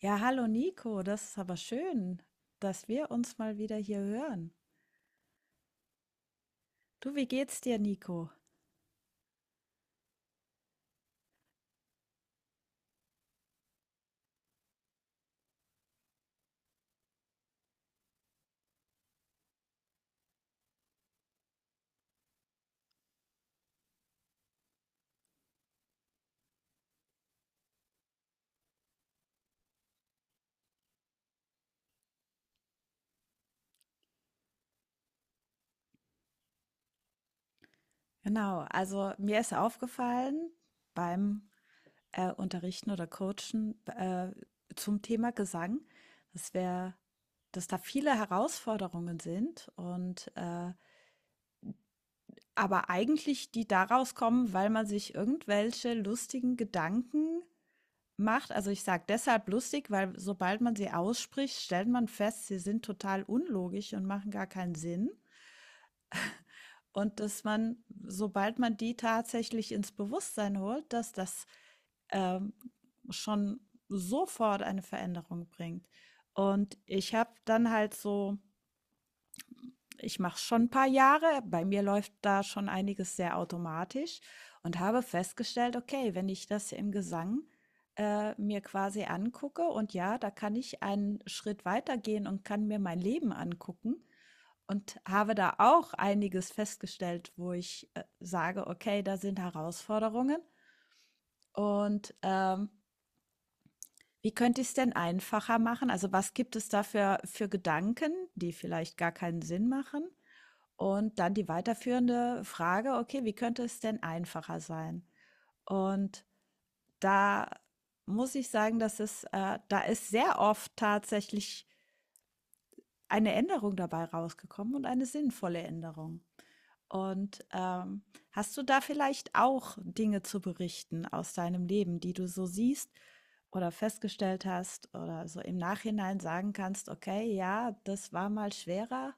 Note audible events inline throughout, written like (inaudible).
Ja, hallo Nico, das ist aber schön, dass wir uns mal wieder hier hören. Du, wie geht's dir, Nico? Genau, also mir ist aufgefallen beim Unterrichten oder Coachen zum Thema Gesang, dass wir, dass da viele Herausforderungen sind aber eigentlich die daraus kommen, weil man sich irgendwelche lustigen Gedanken macht. Also, ich sage deshalb lustig, weil sobald man sie ausspricht, stellt man fest, sie sind total unlogisch und machen gar keinen Sinn. Und dass man, sobald man die tatsächlich ins Bewusstsein holt, dass das ähm, schon sofort eine Veränderung bringt. Und ich habe dann halt so ich mache es schon ein paar Jahre. Bei mir läuft da schon einiges sehr automatisch und habe festgestellt: „Okay, wenn ich das im Gesang, mir quasi angucke und ja, da kann ich einen Schritt weitergehen und kann mir mein Leben angucken“ und habe da auch einiges festgestellt, wo ich sage: „Okay, da sind Herausforderungen und wie könnte ich es denn einfacher machen?“ Also, was gibt es da für Gedanken, die vielleicht gar keinen Sinn machen? Und dann die weiterführende Frage: „Okay, wie könnte es denn einfacher sein?“ Und da muss ich sagen, dass es da ist sehr oft tatsächlich eine Änderung dabei rausgekommen und eine sinnvolle Änderung. Und hast du da vielleicht auch Dinge zu berichten aus deinem Leben, die du so siehst oder festgestellt hast oder so im Nachhinein sagen kannst: „Okay, ja, das war mal schwerer?“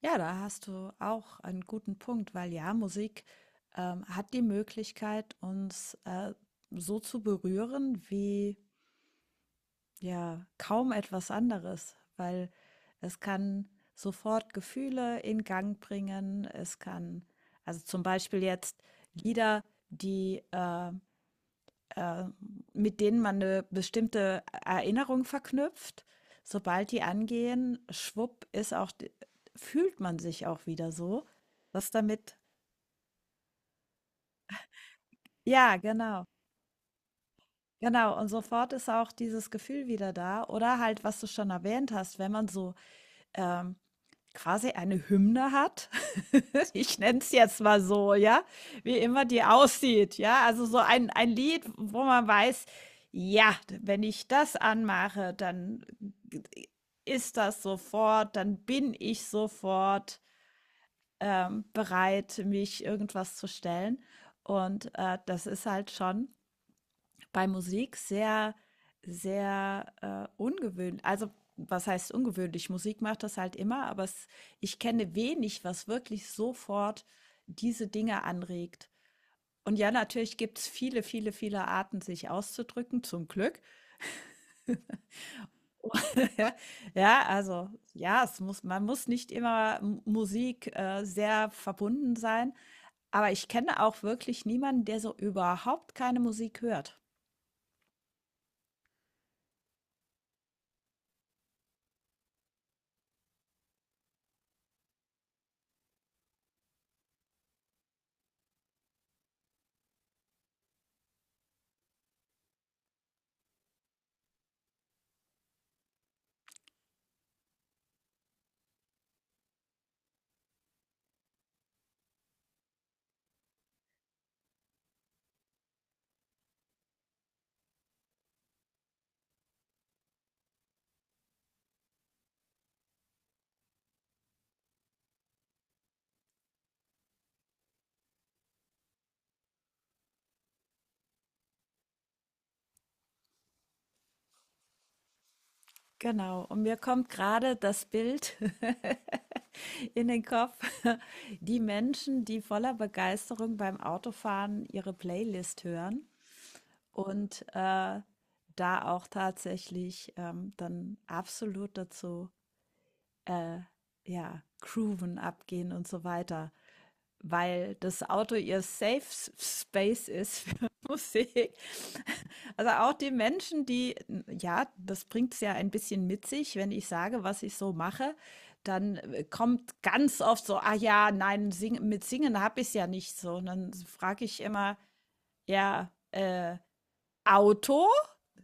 Ja, da hast du auch einen guten Punkt, weil ja, Musik hat die Möglichkeit, uns so zu berühren wie, ja, kaum etwas anderes, weil es kann sofort Gefühle in Gang bringen. Es kann also, zum Beispiel jetzt Lieder, die, äh, mit denen man eine bestimmte Erinnerung verknüpft. Sobald die angehen, schwupp, fühlt man sich auch wieder so. Was damit? Ja, genau. Genau. Und sofort ist auch dieses Gefühl wieder da. Oder halt, was du schon erwähnt hast, wenn man so ähm, quasi eine Hymne hat. (laughs) Ich nenne es jetzt mal so, ja, wie immer die aussieht, ja. Also ein Lied, wo man weiß, ja, wenn ich das anmache, dann ist das sofort, dann bin ich sofort bereit, mich irgendwas zu stellen. Und das ist halt schon bei Musik sehr, sehr ungewöhnlich. Also, was heißt ungewöhnlich? Musik macht das halt immer, aber es, ich kenne wenig, was wirklich sofort diese Dinge anregt. Und ja, natürlich gibt es viele, viele, viele Arten, sich auszudrücken, zum Glück. (laughs) Ja, ja, also ja, man muss nicht immer Musik sehr verbunden sein. Aber ich kenne auch wirklich niemanden, der so überhaupt keine Musik hört. Genau. Und mir kommt gerade das Bild (laughs) in den Kopf. (laughs) Die Menschen, die voller Begeisterung beim Autofahren ihre Playlist hören und da auch tatsächlich dann absolut dazu äh, ja, grooven, abgehen und so weiter weil das Auto ihr Safe Space ist für (laughs) Musik. Also auch die Menschen, die, ja, das bringt es ja ein bisschen mit sich, wenn ich sage, was ich so mache, dann kommt ganz oft so, ah ja, nein, sing, mit Singen habe ich es ja nicht so. Und dann frage ich immer, ja, Auto?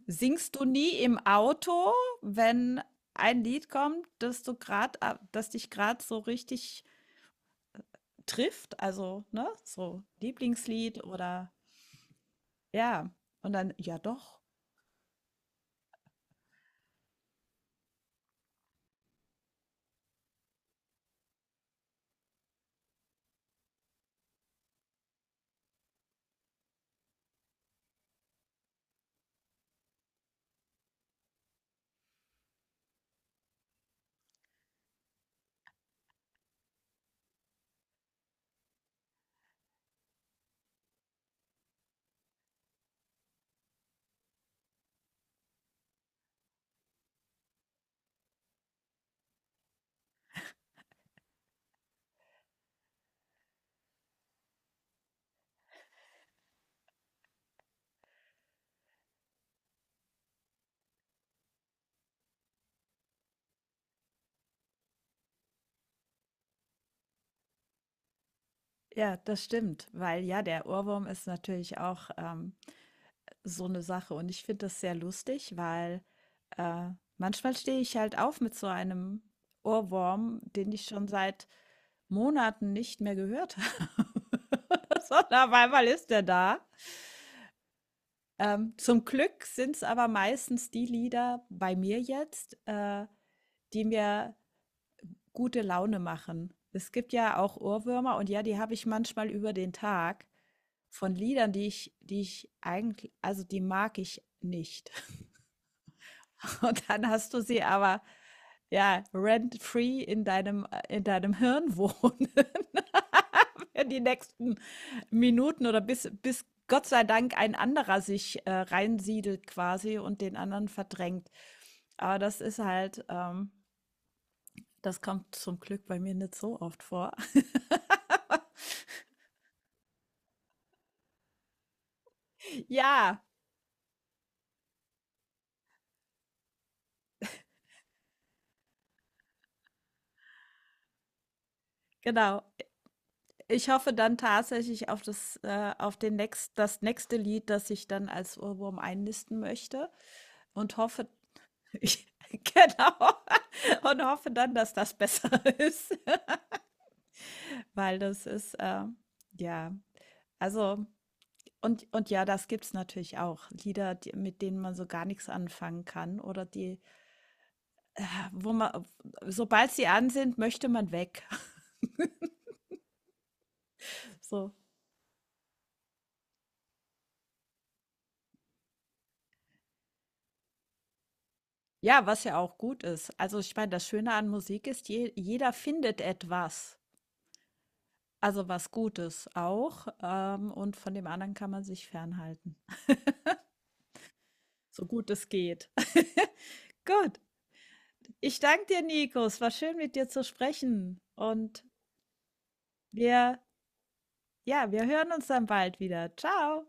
Singst du nie im Auto, wenn ein Lied kommt, das du gerade, das dich gerade so richtig trifft, also, ne, so Lieblingslied oder ja, und dann, ja doch, ja, das stimmt, weil ja, der Ohrwurm ist natürlich auch so eine Sache und ich finde das sehr lustig, weil äh, manchmal stehe ich halt auf mit so einem Ohrwurm, den ich schon seit Monaten nicht mehr gehört habe, (laughs) sondern auf einmal ist der da. Zum Glück sind es aber meistens die Lieder bei mir jetzt, die mir gute Laune machen. Es gibt ja auch Ohrwürmer und ja, die habe ich manchmal über den Tag von Liedern, die ich eigentlich, also die mag ich nicht. (laughs) Und dann hast du sie aber ja rent-free in deinem Hirn wohnen (laughs) für die nächsten Minuten oder bis Gott sei Dank ein anderer sich reinsiedelt quasi und den anderen verdrängt. Aber das ist halt, das kommt zum Glück bei mir nicht so oft vor. (laughs) Ja, genau. Ich hoffe dann tatsächlich auf auf den nächst, das nächste Lied, das ich dann als Ohrwurm einnisten möchte und hoffe, (laughs) ich, genau, (laughs) und hoffe dann, dass das besser (laughs) ist, weil das ist, ja, also, und ja, das gibt's natürlich auch. Lieder, die, mit denen man so gar nichts anfangen kann oder die, wo man, sobald sie an sind, möchte man weg. (laughs) So, ja, was ja auch gut ist. Also ich meine, das Schöne an Musik ist, je, jeder findet etwas, also was Gutes auch. Und von dem anderen kann man sich fernhalten, so gut es geht. (laughs) Gut, ich danke dir, Nico. Es war schön, mit dir zu sprechen. Und wir, ja, wir hören uns dann bald wieder. Ciao.